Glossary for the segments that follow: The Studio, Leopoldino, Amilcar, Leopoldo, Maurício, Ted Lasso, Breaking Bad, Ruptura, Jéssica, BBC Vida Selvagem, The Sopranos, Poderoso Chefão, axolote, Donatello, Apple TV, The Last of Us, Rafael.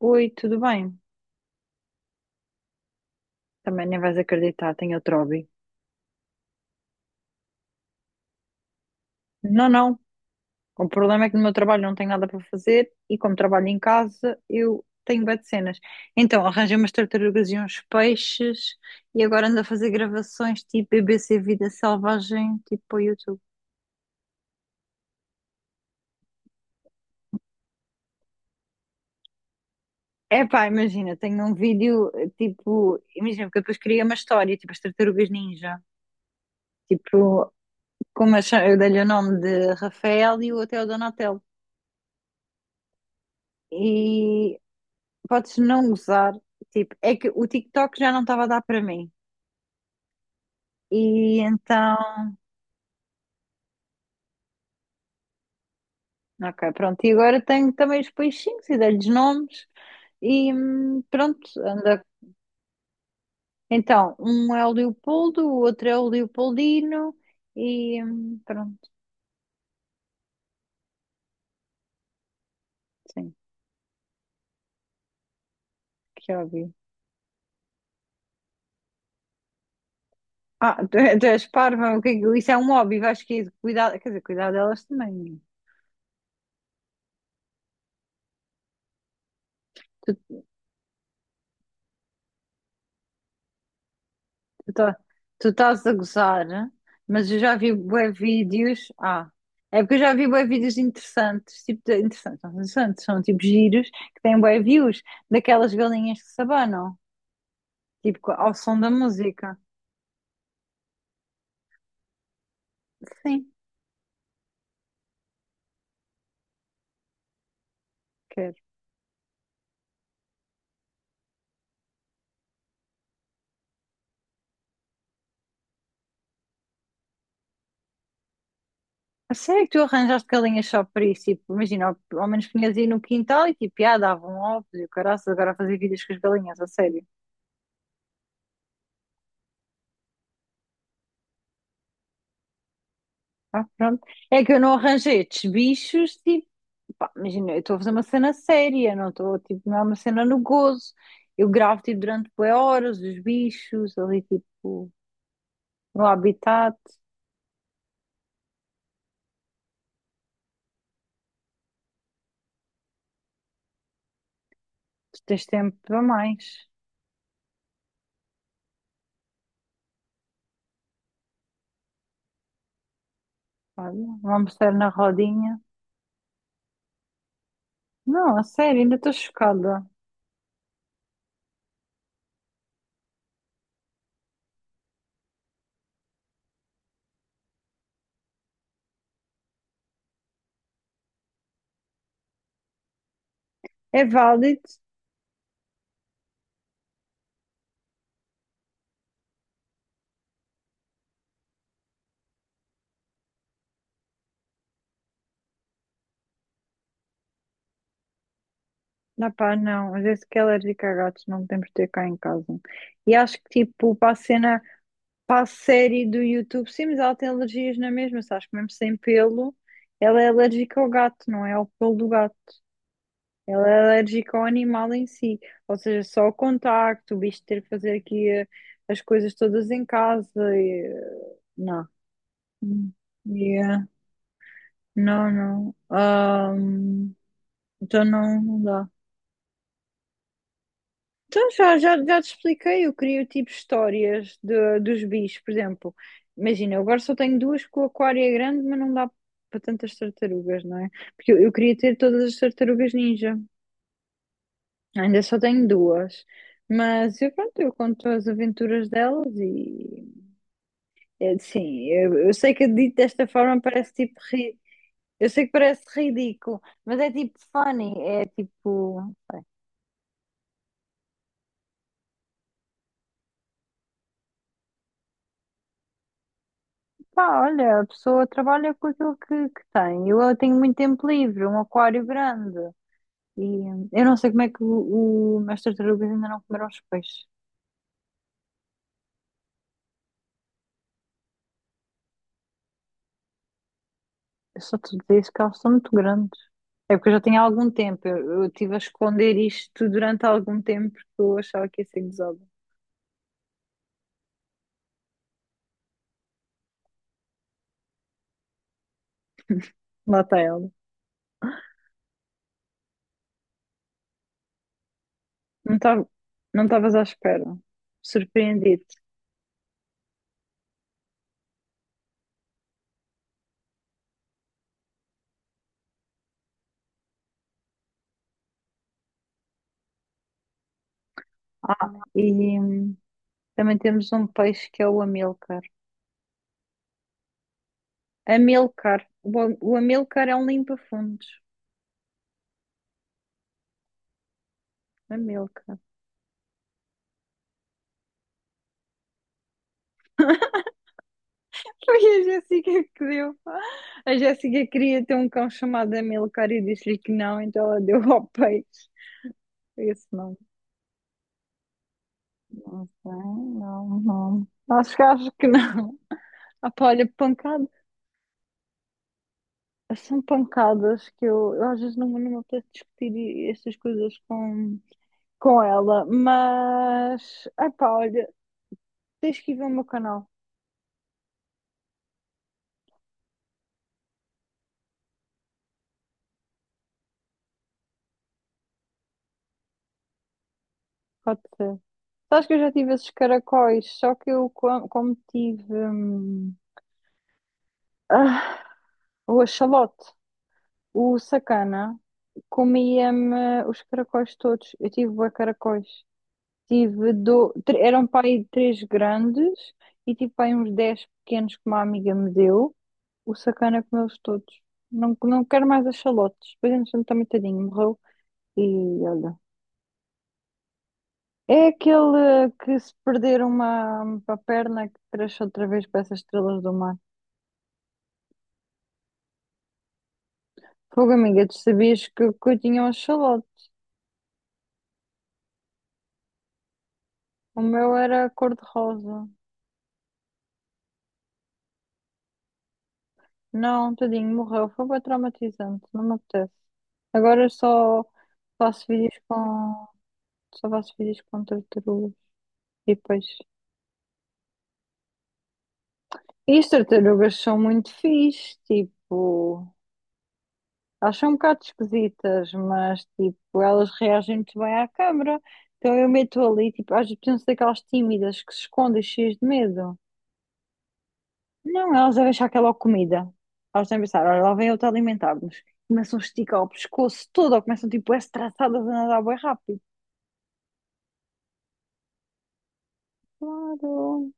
Oi, tudo bem? Também nem vais acreditar, tenho outro hobby. Não, não. O problema é que no meu trabalho não tenho nada para fazer e como trabalho em casa, eu tenho bué de cenas. Então, arranjei umas tartarugas e uns peixes e agora ando a fazer gravações tipo BBC Vida Selvagem, tipo para o YouTube. Epá, imagina, tenho um vídeo, tipo, imagina, porque eu depois queria uma história, tipo as tartarugas ninja. Tipo, eu dei-lhe o nome de Rafael e o outro é o Donatello. E podes não gozar. Tipo, é que o TikTok já não estava a dar para mim. E então, ok, pronto. E agora tenho também os peixinhos e dei-lhes nomes. E pronto, anda. Então, um é o Leopoldo, o outro é o Leopoldino. E pronto, sim, que óbvio. Ah, tu és parva, o que é que- isso é um hobby, vais que cuidar, quer dizer, cuidar delas também. Tu Tu tá- tu estás a gozar, né? Mas eu já vi bué vídeos. Ah, é porque eu já vi bué vídeos interessantes, tipo, interessantes, não, são interessantes, são tipo giros que têm bué views daquelas galinhas que se abanam, ao som da música. Sim, quero. A sério que tu arranjaste galinhas só para isso? Tipo, imagina, ao menos punhas aí no quintal e tipo, ah, davam ovos e o caraças, agora a fazer vídeos com as galinhas, a sério. Ah, pronto. É que eu não arranjei estes bichos, tipo, pá, imagina, eu estou a fazer uma cena séria, não estou, tipo, não é uma cena no gozo. Eu gravo, tipo, durante bué horas os bichos ali, tipo, no habitat, tu tens tempo para mais. Olha, vamos estar na rodinha. Não, a sério, ainda estou chocada. É válido? Não, pá, não. Às vezes que é alérgica a gatos, não podemos ter cá em casa. E acho que, tipo, para a série do YouTube, sim, mas ela tem alergias na mesma, sabes? Mesmo sem pelo, ela é alérgica ao gato, não é ao pelo do gato. Ela é alérgica ao animal em si. Ou seja, só o contacto, o bicho ter que fazer aqui as coisas todas em casa e, eh, Não. Hum. Yeah. Não, não. Então não, não dá. Então já te expliquei, eu crio tipo histórias dos bichos, por exemplo. Imagina, eu agora só tenho duas com o aquário é grande, mas não dá para tantas tartarugas, não é? Porque eu queria ter todas as tartarugas ninja. Ainda só tenho duas. Mas eu, pronto, eu conto as aventuras delas e. É, sim, eu sei que dito desta forma parece tipo. Eu sei que parece ridículo, mas é tipo funny, é tipo. Pá, olha, a pessoa trabalha com aquilo que tem. Eu tenho muito tempo livre, um aquário grande. E eu não sei como é que as tartarugas ainda não comeram os peixes. Eu só te digo isso que elas são muito grandes. É porque eu já tenho algum tempo. Eu estive a esconder isto durante algum tempo porque eu achava que ia ser gozada. Lá está ela. Não estava, não estavas à espera. Surpreendido. Ah, e também temos um peixe que é o amilcar. Amilcar. O, o amilcar é um limpa-fundos. A Milka. Foi a Jéssica que deu. A Jéssica queria ter um cão chamado Amilcar e disse-lhe que não, então ela deu ao peixe. Isso não, não sei, não, não. Acho que não. Ah, pá, olha, pancada. São pancadas que eu às vezes não me apetece discutir estas coisas com ela, mas. Ah, pá, olha, tens que ir ver o meu canal, pode ser. Sabes que eu já tive esses caracóis, só que eu, como tive. Ah, o axolote, o sacana, comia-me os caracóis todos. Eu tive bué caracóis. Eram pai três grandes e tive pai uns 10 pequenos que uma amiga me deu. O sacana comeu-os todos. Não, não quero mais axolotes. Depois, entretanto, também tadinho, morreu. E olha. É aquele que se perder uma perna que cresce outra vez para essas estrelas do mar. Fogo, amiga, tu sabias que eu tinha um axolote? O meu era cor-de-rosa. Não, tadinho, morreu. Foi bem traumatizante, não me apetece. Agora eu só faço vídeos com. Só faço vídeos com tartarugas e peixes. E as tartarugas são muito fixe, tipo. Elas são um bocado esquisitas, mas tipo, elas reagem muito bem à câmara. Então eu meto ali, tipo, às vezes precisam ser aquelas tímidas que se escondem cheias de medo. Não, elas devem achar que é logo comida. Elas devem pensar, olha, lá vem outra a alimentar-nos. Começam a esticar o pescoço todo, ou começam tipo, a estraçadas a nadar bem rápido. Claro,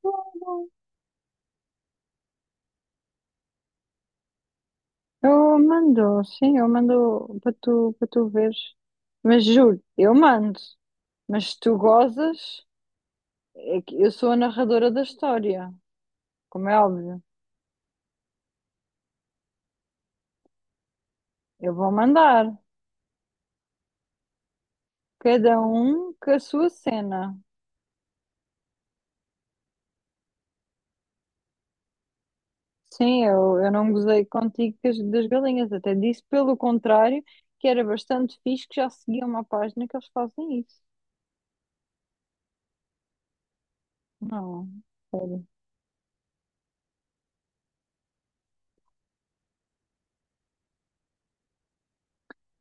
claro. Eu mando, sim, eu mando para tu veres. Mas juro, eu mando. Mas se tu gozas, é que eu sou a narradora da história, como é óbvio. Eu vou mandar. Cada um com a sua cena. Sim, eu não gozei contigo das galinhas, até disse pelo contrário, que era bastante fixe que já seguia uma página que eles fazem isso. Não, sério.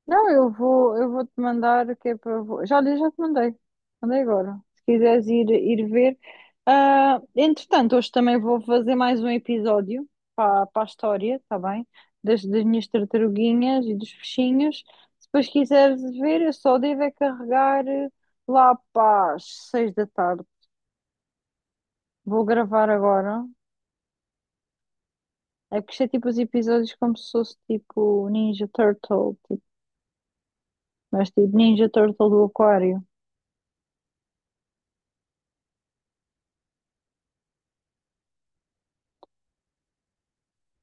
Não, eu vou te mandar que é para. Já li, já te mandei. Mandei agora. Se quiseres ir ver. Ah, entretanto, hoje também vou fazer mais um episódio para a história, está bem? Das minhas tartaruguinhas e dos peixinhos. Se depois quiseres ver, eu só devo é carregar lá para as 6 da tarde. Vou gravar agora. É que isto é tipo os episódios como se fosse tipo Ninja Turtle, tipo, mas tipo Ninja Turtle do Aquário.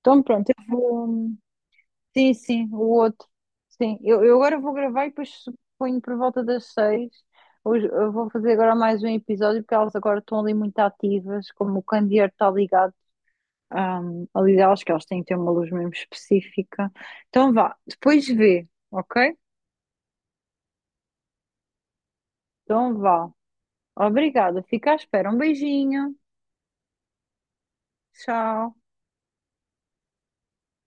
Então pronto, eu vou. Sim, sim, o outro. Sim, eu agora vou gravar e depois ponho por volta das 6. Hoje eu vou fazer agora mais um episódio porque elas agora estão ali muito ativas, como o candeeiro está ligado ali elas que elas têm que ter uma luz mesmo específica. Então vá, depois vê, ok? Então vá. Obrigada, fica à espera. Um beijinho. Tchau.